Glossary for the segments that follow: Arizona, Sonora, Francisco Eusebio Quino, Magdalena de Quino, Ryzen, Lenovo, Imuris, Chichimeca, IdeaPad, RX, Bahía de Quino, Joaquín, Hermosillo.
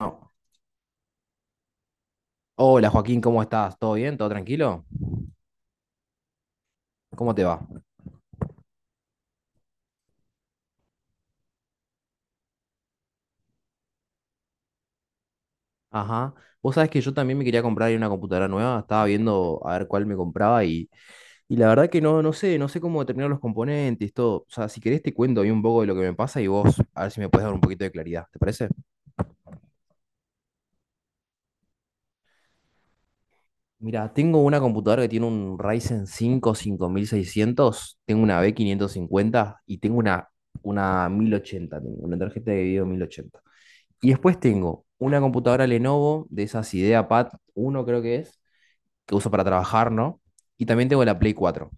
No. Hola Joaquín, ¿cómo estás? ¿Todo bien? ¿Todo tranquilo? ¿Cómo te va? Ajá. Vos sabés que yo también me quería comprar una computadora nueva, estaba viendo a ver cuál me compraba y la verdad que no, no sé cómo determinar los componentes, todo. O sea, si querés te cuento ahí un poco de lo que me pasa y vos a ver si me puedes dar un poquito de claridad, ¿te parece? Mira, tengo una computadora que tiene un Ryzen 5 5600, tengo una B550 y tengo una 1080, tengo una tarjeta de video 1080. Y después tengo una computadora Lenovo de esas IdeaPad uno creo que es, que uso para trabajar, ¿no? Y también tengo la Play 4.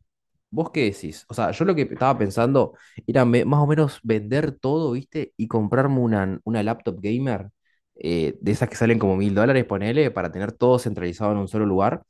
¿Vos qué decís? O sea, yo lo que estaba pensando era más o menos vender todo, ¿viste? Y comprarme una laptop gamer, de esas que salen como $1000, ponele, para tener todo centralizado en un solo lugar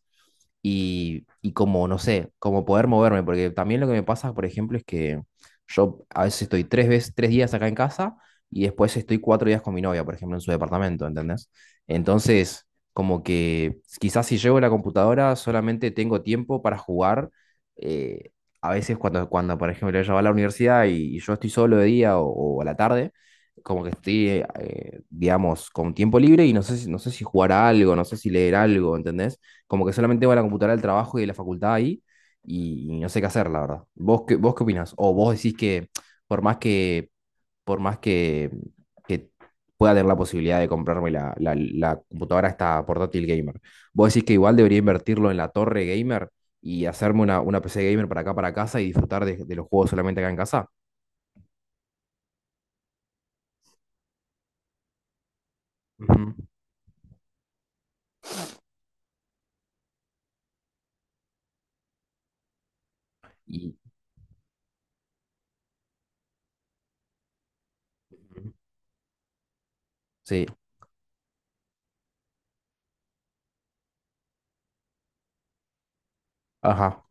y como, no sé, como poder moverme, porque también lo que me pasa, por ejemplo, es que yo a veces estoy 3 veces, 3 días acá en casa y después estoy 4 días con mi novia, por ejemplo, en su departamento, ¿entendés? Entonces, como que quizás si llevo la computadora solamente tengo tiempo para jugar. eh, a veces cuando, por ejemplo, ella va a la universidad y yo estoy solo de día o a la tarde, como que estoy, digamos, con tiempo libre y no sé si jugar a algo, no sé si leer algo, ¿entendés? Como que solamente va a la computadora del trabajo y de la facultad ahí y no sé qué hacer, la verdad. ¿Vos qué opinás? O vos decís que por más que, por más que pueda tener la posibilidad de comprarme la computadora esta portátil gamer, vos decís que igual debería invertirlo en la torre gamer y hacerme una PC gamer para acá, para casa y disfrutar de los juegos solamente acá en casa. Ujú. Y ujú. Sí, ajá.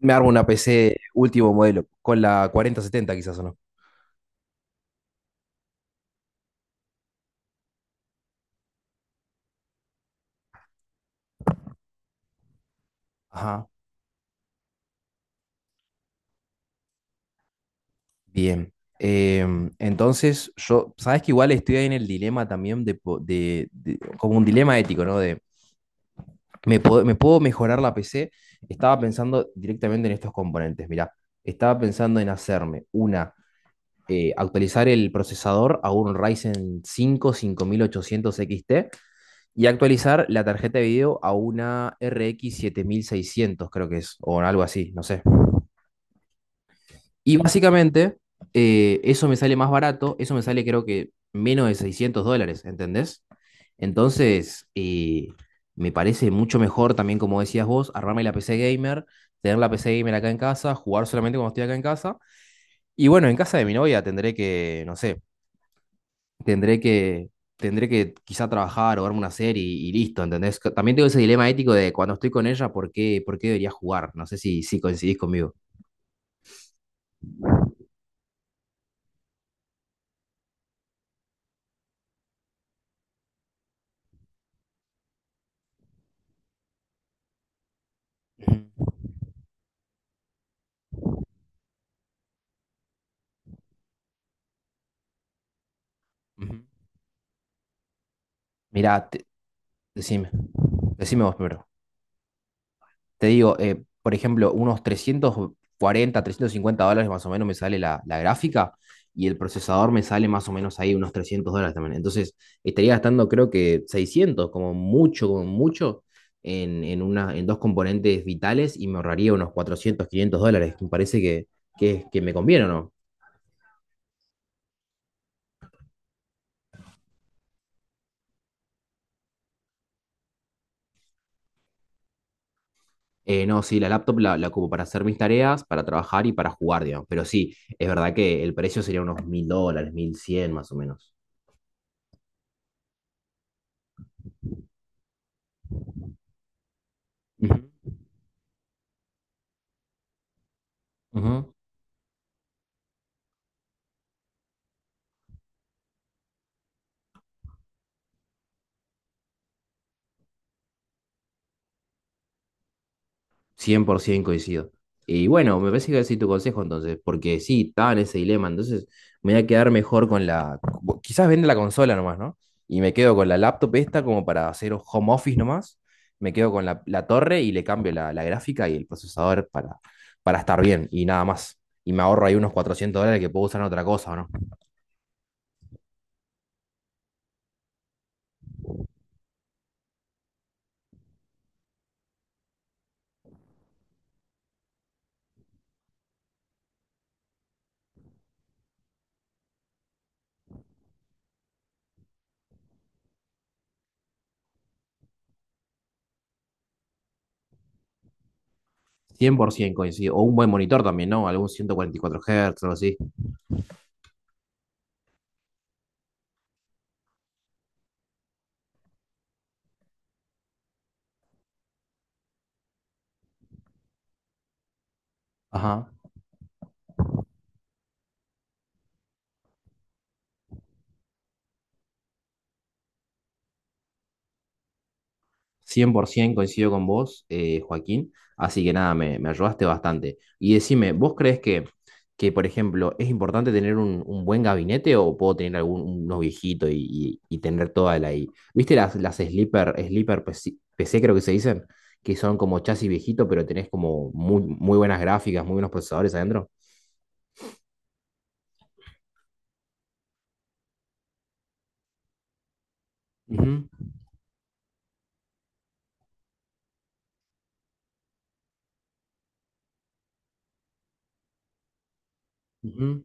Me armo una PC último modelo, con la 4070 quizás o no. Ajá. Bien. Entonces, yo, sabes que igual estoy ahí en el dilema también de, po- de- como un dilema ético, ¿no? De, ¿me puedo mejorar la PC? Estaba pensando directamente en estos componentes, mirá. Estaba pensando en hacerme actualizar el procesador a un Ryzen 5 5800 XT y actualizar la tarjeta de video a una RX seiscientos creo que es, o algo así, no sé. Y básicamente, eso me sale más barato, eso me sale creo que menos de $600, ¿entendés? Entonces, me parece mucho mejor también, como decías vos, armarme la PC gamer, tener la PC gamer acá en casa, jugar solamente cuando estoy acá en casa. Y bueno, en casa de mi novia tendré que, no sé, tendré que, tendré que quizá trabajar o verme una serie y listo, ¿entendés? Que también tengo ese dilema ético de cuando estoy con ella, ¿por qué debería jugar? No sé si coincidís conmigo. Ujú, ujú. Mirá, Decime, decime vos primero. Te digo, por ejemplo, unos $340-$350 más o menos me sale la gráfica y el procesador me sale más o menos ahí unos $300 también. Entonces, estaría gastando creo que 600 como mucho, en dos componentes vitales y me ahorraría unos $400-$500. Me parece que me conviene, ¿o no? No, sí, la laptop la ocupo para hacer mis tareas, para trabajar y para jugar, digamos. Pero sí, es verdad que el precio sería unos $1000, 1100 más o menos. Ujú, ujú. 100% coincido. Y bueno, me parece que voy a seguir tu consejo entonces, porque sí, estaba en ese dilema, entonces me voy a quedar mejor Quizás vende la consola nomás, ¿no? Y me quedo con la laptop esta como para hacer home office nomás, me quedo con la torre y le cambio la gráfica y el procesador para estar bien y nada más. Y me ahorro ahí unos $400 que puedo usar en otra cosa, ¿no? 100% coincido. O un buen monitor también, ¿no? Algún 144 Hz o algo así. Ajá. 100% coincido con vos, Joaquín. Así que nada, me ayudaste bastante. Y decime, ¿vos crees que, por ejemplo, es importante tener un buen gabinete o puedo tener algún unos viejitos y tener toda la ahí? ¿Viste las sleeper PC, creo que se dicen? Que son como chasis viejito, pero tenés como muy, muy buenas gráficas, muy buenos procesadores adentro. Ujú, ujú,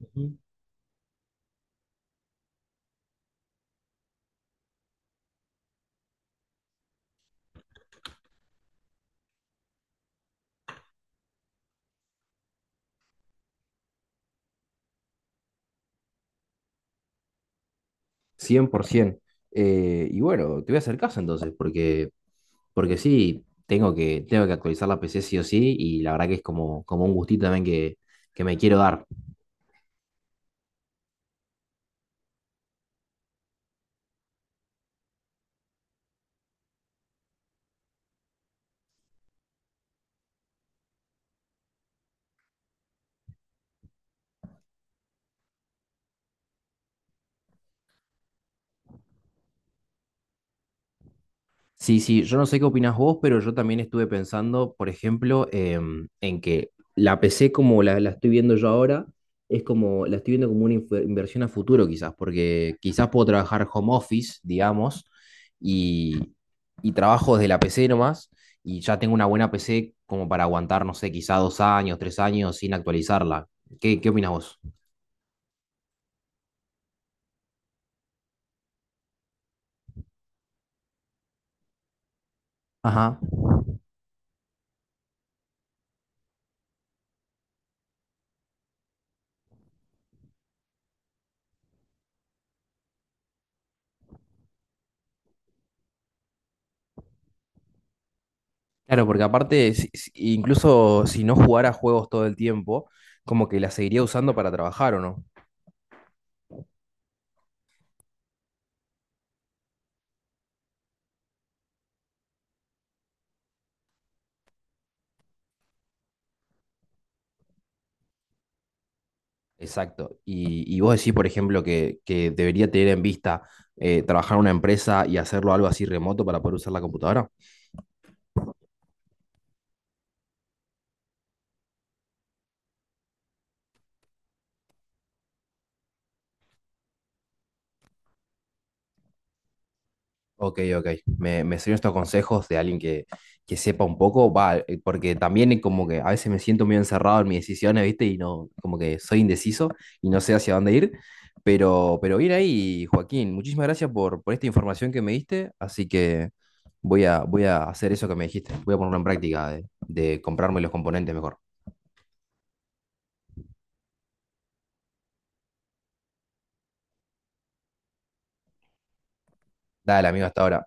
ujú. 100%. Y bueno, te voy a hacer caso entonces, porque sí, tengo que actualizar la PC sí o sí, y la verdad que es como un gustito también que me quiero dar. Sí, sí, yo no sé qué opinas vos, pero yo también estuve pensando, por ejemplo, en que la PC como la estoy viendo yo ahora, es como, la estoy viendo como una inversión a futuro quizás, porque quizás puedo trabajar home office, digamos, y, y trabajo desde la PC nomás, y ya tengo una buena PC como para aguantar, no sé, quizás 2 años, 3 años sin actualizarla. ¿Qué opinas vos? Ajá. Claro, porque aparte, incluso si no jugara juegos todo el tiempo, como que la seguiría usando para trabajar, ¿o no? Exacto. Y vos decís, por ejemplo, que debería tener en vista trabajar en una empresa y hacerlo algo así remoto para poder usar la computadora. Ok, ok. Me sirven estos consejos de alguien que sepa un poco, va, porque también como que a veces me siento muy encerrado en mis decisiones, ¿viste? Y no, como que soy indeciso y no sé hacia dónde ir. Pero bien ahí, Joaquín, muchísimas gracias por esta información que me diste. Así que voy a hacer eso que me dijiste. Voy a ponerlo en práctica de comprarme los componentes mejor. Dale, amigo, hasta ahora.